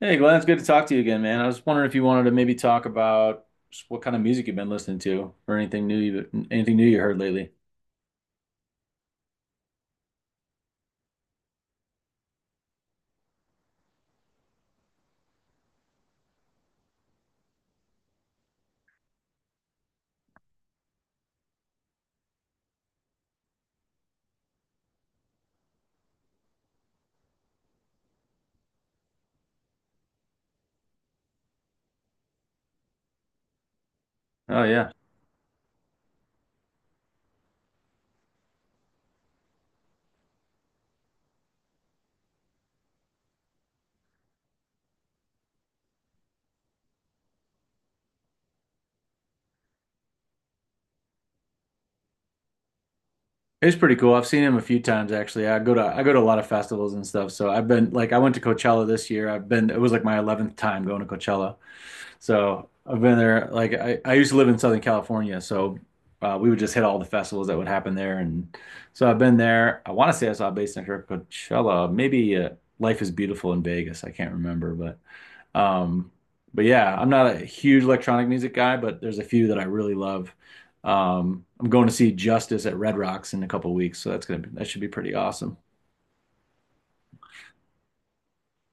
Hey Glenn, it's good to talk to you again, man. I was wondering if you wanted to maybe talk about just what kind of music you've been listening to, or anything new you heard lately. Oh yeah, he's pretty cool. I've seen him a few times actually. I go to a lot of festivals and stuff. So I've been like I went to Coachella this year. I've been It was like my 11th time going to Coachella. So I've been there. I used to live in Southern California, so we would just hit all the festivals that would happen there. And so I've been there. I want to say I saw Bass Hunter at Coachella. Maybe Life is Beautiful in Vegas. I can't remember, but Um, but yeah, I'm not a huge electronic music guy, but there's a few that I really love. I'm going to see Justice at Red Rocks in a couple weeks, so that should be pretty awesome.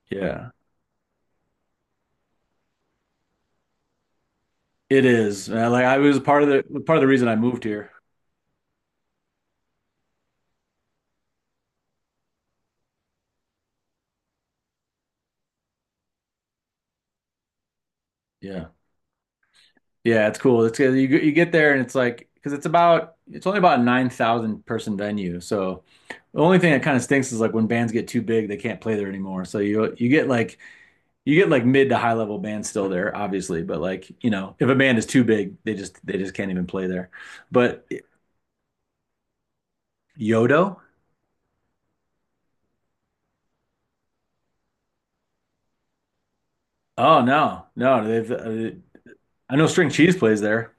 Yeah, it is, man. Like I was part of the reason I moved here. Yeah, yeah, it's cool. It's you get there and it's like because it's only about a 9,000 person venue, so the only thing that kind of stinks is like when bands get too big, they can't play there anymore. So you get like mid to high level bands still there, obviously, but, like, you know, if a band is too big, they just can't even play there. But Yodo? Oh no. No, they've I know String Cheese plays there.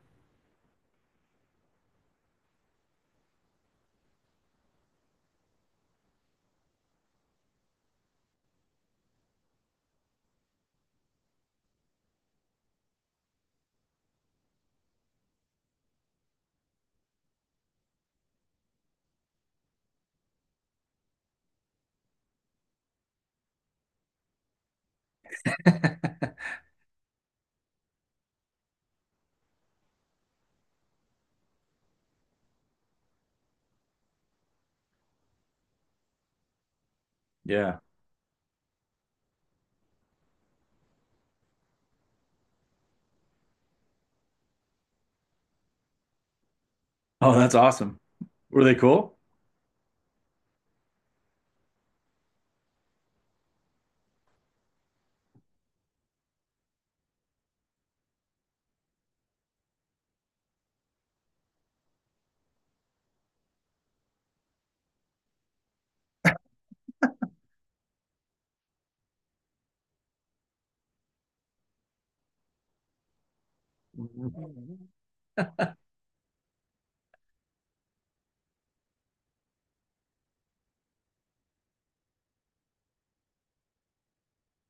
Yeah. Oh, that's awesome. Were they cool?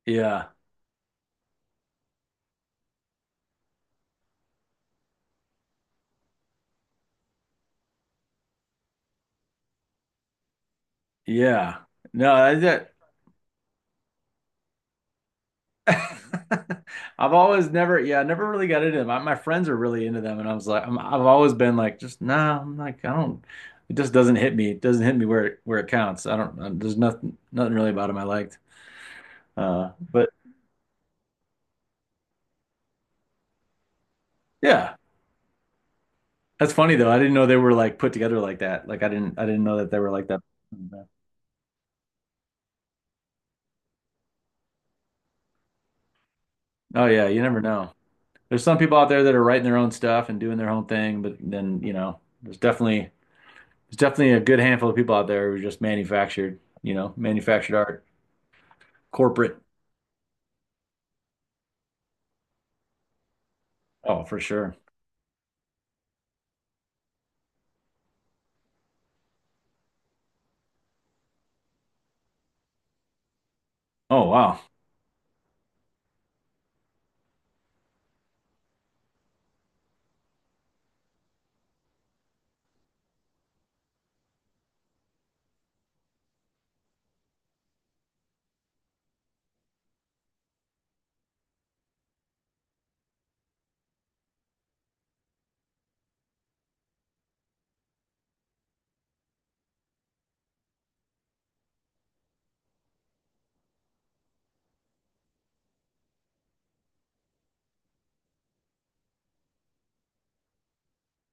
Yeah. Yeah. No, that. I've always never, yeah, I never really got into them. My friends are really into them, and I was like, I'm, I've always been like, just nah, I'm like, I don't. It just doesn't hit me. It doesn't hit me where it counts. I don't. There's nothing really about them I liked. But yeah, that's funny though. I didn't know they were like put together like that. Like I didn't know that they were like that. Oh yeah, you never know. There's some people out there that are writing their own stuff and doing their own thing, but then, you know, there's definitely a good handful of people out there who just manufactured, you know, manufactured art. Corporate. Oh, for sure. Oh wow,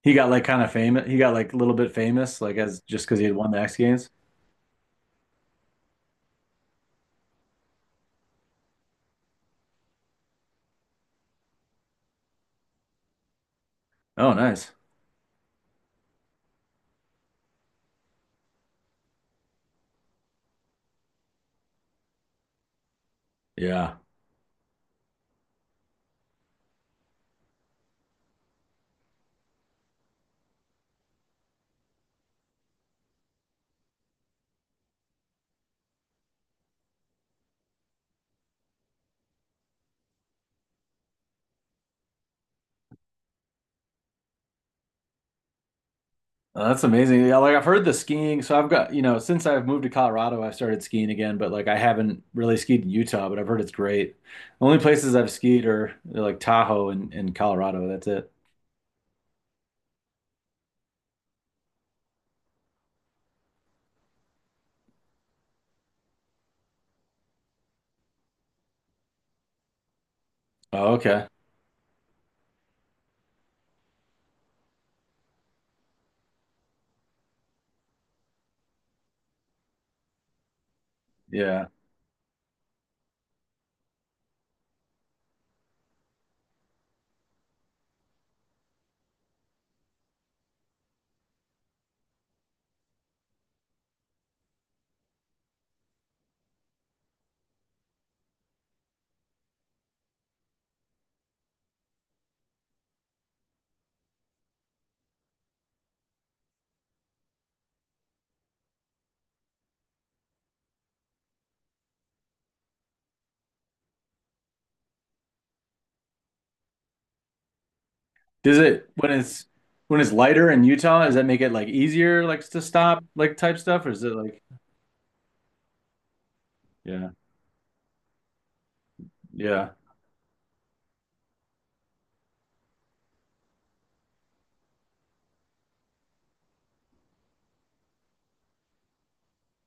he got like kind of famous. He got like a little bit famous, like as just because he had won the X Games. Oh, nice. Yeah. That's amazing. Yeah, like I've heard the skiing. So I've got, you know, since I've moved to Colorado, I've started skiing again. But like I haven't really skied in Utah, but I've heard it's great. The only places I've skied are like Tahoe and Colorado. That's it. Oh, okay. Yeah. Does it when it's lighter in Utah, does that make it like easier like to stop like type stuff or is it like? Yeah. Yeah.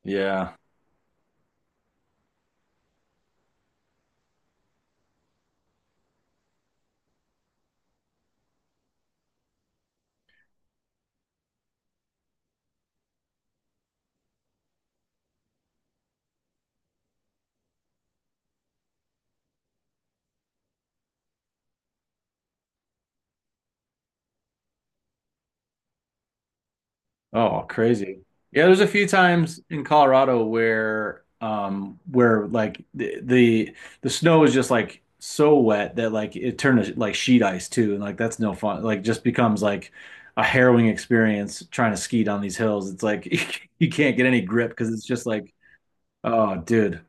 Yeah. Oh, crazy. Yeah, there's a few times in Colorado where like the snow is just like so wet that like it turned to like sheet ice too and like that's no fun. Like just becomes like a harrowing experience trying to ski down these hills. It's like, you can't get any grip because it's just like oh dude.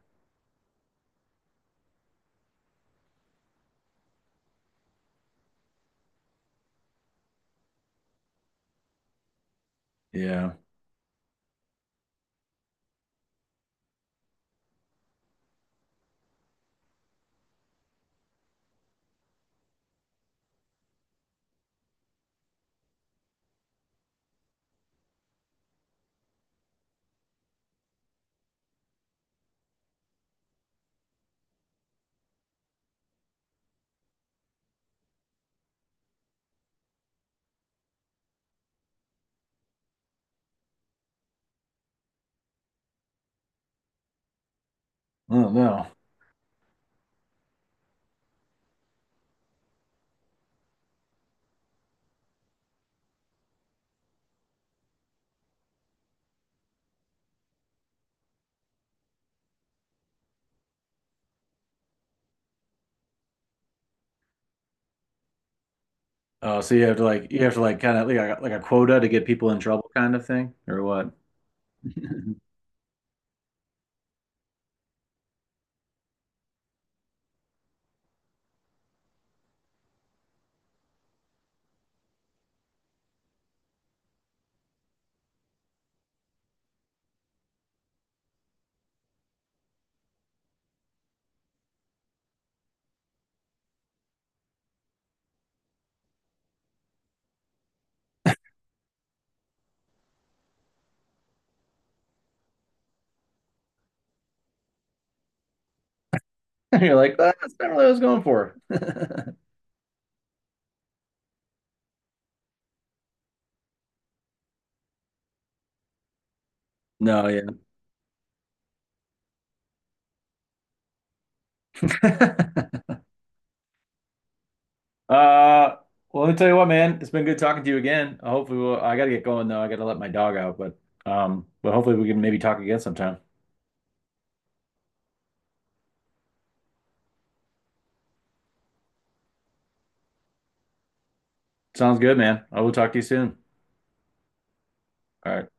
Yeah. I don't know. Oh, so you have to like kind of like like a quota to get people in trouble kind of thing or what? You're like, ah, that's not really what I was going for. No, yeah. Uh, well, let me tell you what, man. It's been good talking to you again. Hopefully, I gotta get going though. I gotta let my dog out, but hopefully we can maybe talk again sometime. Sounds good, man. I will talk to you soon. All right.